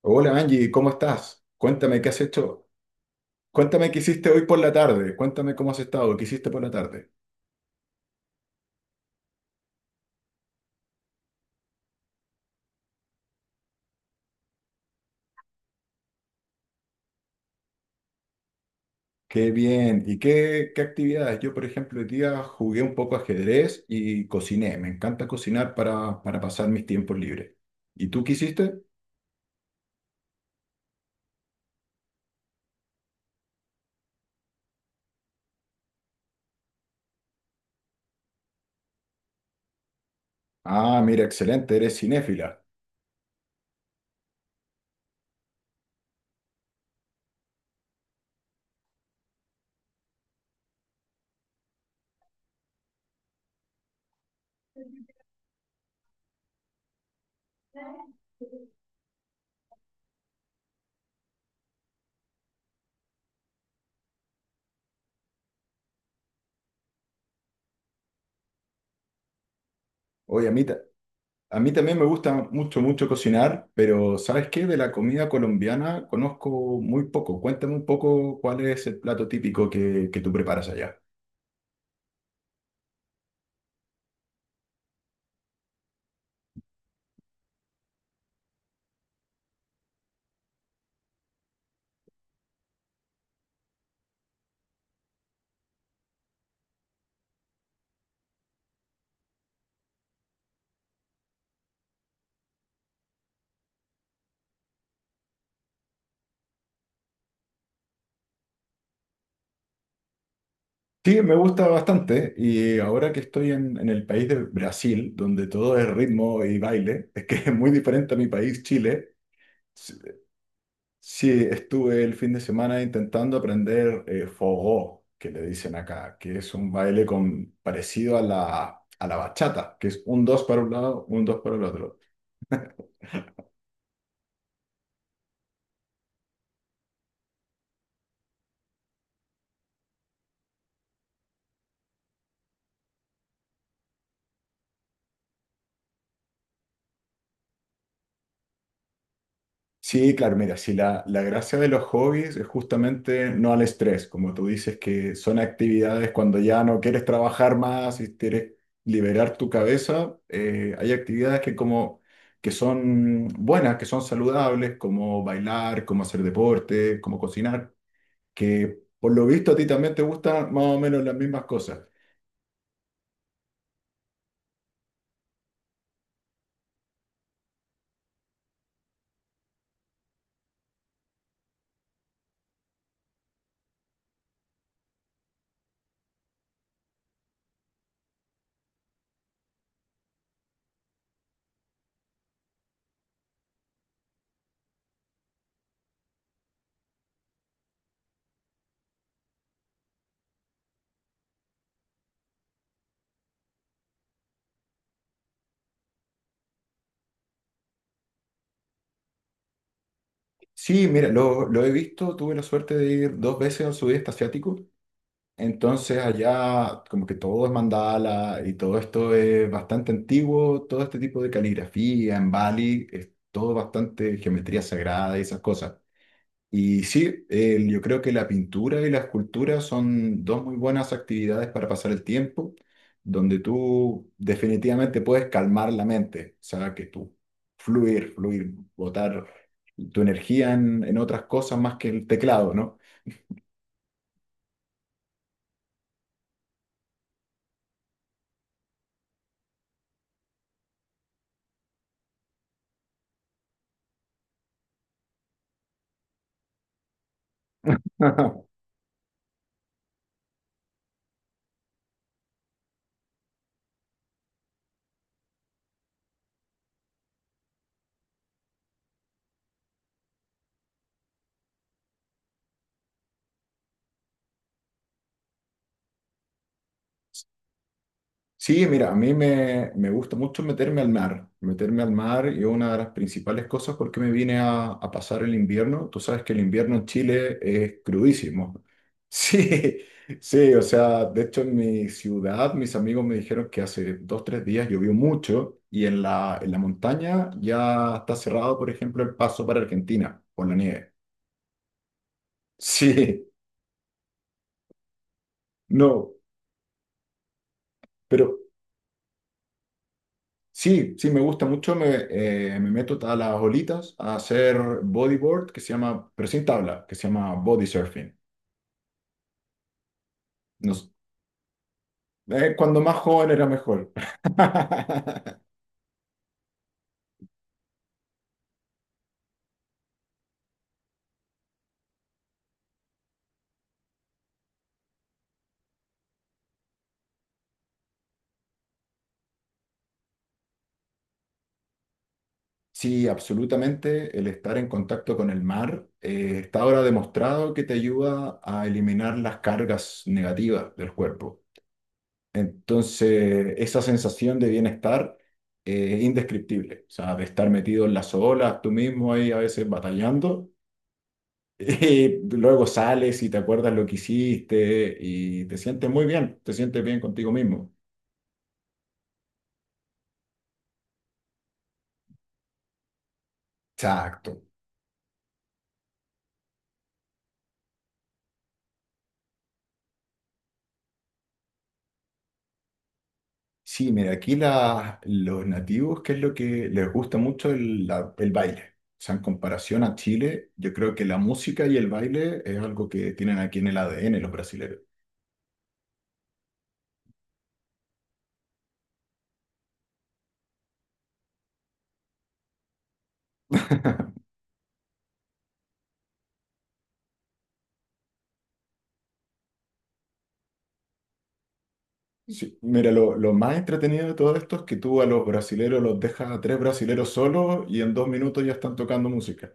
Hola Angie, ¿cómo estás? Cuéntame qué has hecho. Cuéntame qué hiciste hoy por la tarde. Cuéntame cómo has estado, qué hiciste por la tarde. Qué bien. ¿Y qué actividades? Yo, por ejemplo, hoy día jugué un poco ajedrez y cociné. Me encanta cocinar para pasar mis tiempos libres. ¿Y tú qué hiciste? Ah, mira, excelente, eres cinéfila. Oye, a mí también me gusta mucho, mucho cocinar, pero ¿sabes qué? De la comida colombiana conozco muy poco. Cuéntame un poco cuál es el plato típico que tú preparas allá. Sí, me gusta bastante y ahora que estoy en el país de Brasil, donde todo es ritmo y baile, es que es muy diferente a mi país, Chile. Sí, sí, estuve el fin de semana intentando aprender forró, que le dicen acá, que es un baile con, parecido a la bachata, que es un dos para un lado, un dos para el otro. Sí, claro, mira, si la gracia de los hobbies es justamente no al estrés, como tú dices, que son actividades cuando ya no quieres trabajar más y quieres liberar tu cabeza, hay actividades que como que son buenas, que son saludables, como bailar, como hacer deporte, como cocinar, que por lo visto a ti también te gustan más o menos las mismas cosas. Sí, mira, lo he visto, tuve la suerte de ir dos veces al sudeste asiático. Entonces allá como que todo es mandala y todo esto es bastante antiguo, todo este tipo de caligrafía en Bali, es todo bastante geometría sagrada y esas cosas. Y sí, yo creo que la pintura y la escultura son dos muy buenas actividades para pasar el tiempo, donde tú definitivamente puedes calmar la mente, o sea, que tú fluir, botar tu energía en otras cosas más que el teclado, ¿no? Sí, mira, a mí me gusta mucho meterme al mar. Meterme al mar y una de las principales cosas por qué me vine a pasar el invierno. Tú sabes que el invierno en Chile es crudísimo. Sí, sí, o sea, de hecho en mi ciudad mis amigos me dijeron que hace 2, 3 días llovió mucho y en la montaña ya está cerrado, por ejemplo, el paso para Argentina por la nieve. Sí, no, pero... Sí, sí, me gusta mucho. Me meto a las olitas a hacer bodyboard, que se llama, pero sin tabla, que se llama body surfing. No s- Cuando más joven era mejor. Sí, absolutamente. El estar en contacto con el mar está ahora demostrado que te ayuda a eliminar las cargas negativas del cuerpo. Entonces, esa sensación de bienestar es indescriptible. O sea, de estar metido en las olas, tú mismo ahí a veces batallando. Y luego sales y te acuerdas lo que hiciste y te sientes muy bien, te sientes bien contigo mismo. Exacto. Sí, mira, aquí los nativos, qué es lo que les gusta mucho el baile. O sea, en comparación a Chile, yo creo que la música y el baile es algo que tienen aquí en el ADN los brasileños. Sí, mira, lo más entretenido de todo esto es que tú a los brasileros los dejas a tres brasileros solos y en 2 minutos ya están tocando música.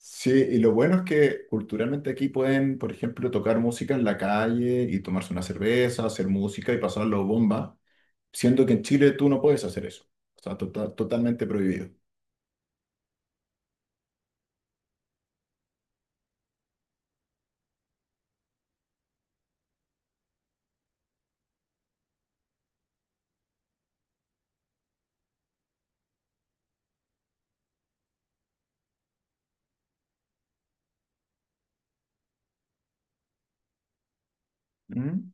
Sí, y lo bueno es que culturalmente aquí pueden, por ejemplo, tocar música en la calle y tomarse una cerveza, hacer música y pasarlo bomba, siendo que en Chile tú no puedes hacer eso. O sea, totalmente prohibido. ¿Mm?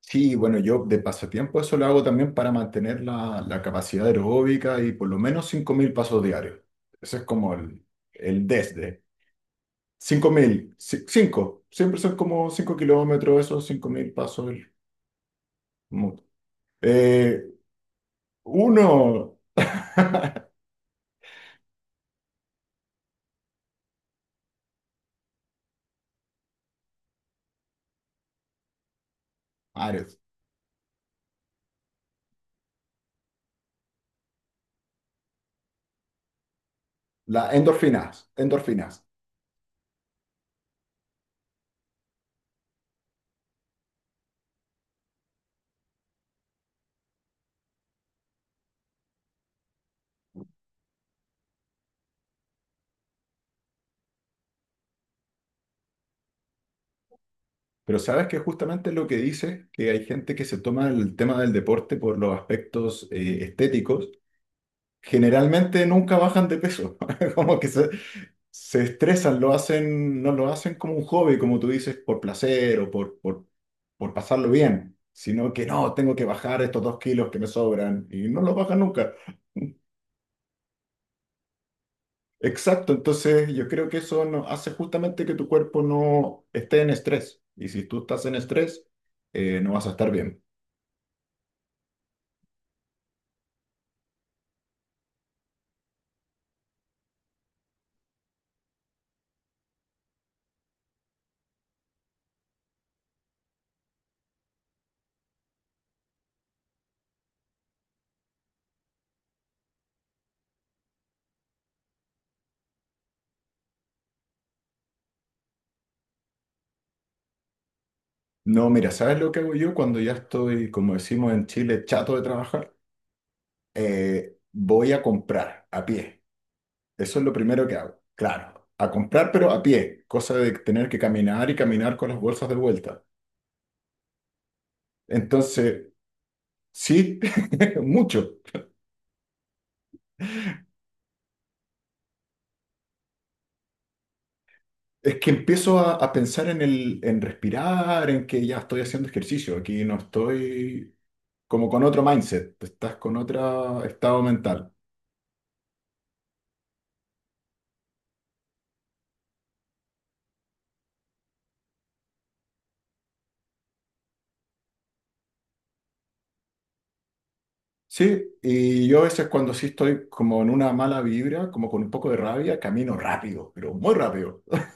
Sí, bueno, yo de pasatiempo eso lo hago también para mantener la capacidad aeróbica y por lo menos 5.000 pasos diarios. Ese es como el desde. 5.000 5 siempre son como 5 kilómetros esos 5.000 pasos. Mu- Eh, Uno, las endorfinas, endorfinas. Pero sabes que justamente lo que dice que hay gente que se toma el tema del deporte por los aspectos estéticos, generalmente nunca bajan de peso. Como que se estresan, lo hacen, no lo hacen como un hobby, como tú dices, por placer o por pasarlo bien, sino que no, tengo que bajar estos 2 kilos que me sobran y no los bajan nunca. Exacto, entonces yo creo que eso hace justamente que tu cuerpo no esté en estrés. Y si tú estás en estrés, no vas a estar bien. No, mira, ¿sabes lo que hago yo cuando ya estoy, como decimos en Chile, chato de trabajar? Voy a comprar a pie. Eso es lo primero que hago. Claro, a comprar, pero a pie. Cosa de tener que caminar y caminar con las bolsas de vuelta. Entonces, sí, mucho. Es que empiezo a pensar en en respirar, en que ya estoy haciendo ejercicio, aquí no estoy como con otro mindset, estás con otro estado mental. Sí, y yo a veces cuando sí estoy como en una mala vibra, como con un poco de rabia, camino rápido, pero muy rápido.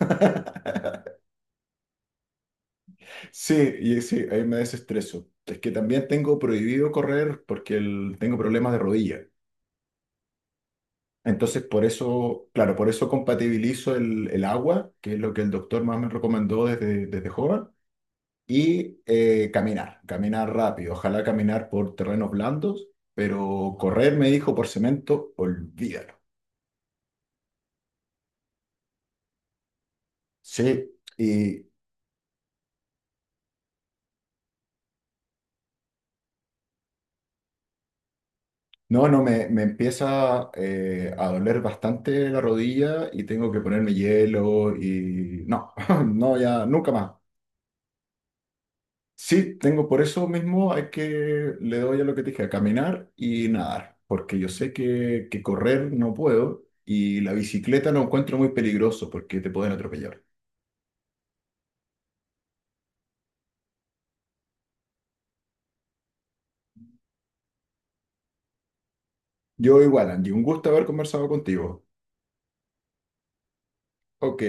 Sí, y sí, ahí me desestreso. Es que también tengo prohibido correr porque tengo problemas de rodilla. Entonces, por eso, claro, por eso compatibilizo el agua, que es lo que el doctor más me recomendó desde joven y caminar, caminar rápido, ojalá caminar por terrenos blandos, pero correr, me dijo, por cemento, olvídalo. Sí, y no, no, me empieza a doler bastante la rodilla y tengo que ponerme hielo y no, no, ya, nunca más. Sí, tengo por eso mismo, hay que, le doy a lo que te dije, a caminar y nadar, porque yo sé que correr no puedo y la bicicleta no encuentro muy peligroso porque te pueden atropellar. Yo igual, Andy, un gusto haber conversado contigo. Ok,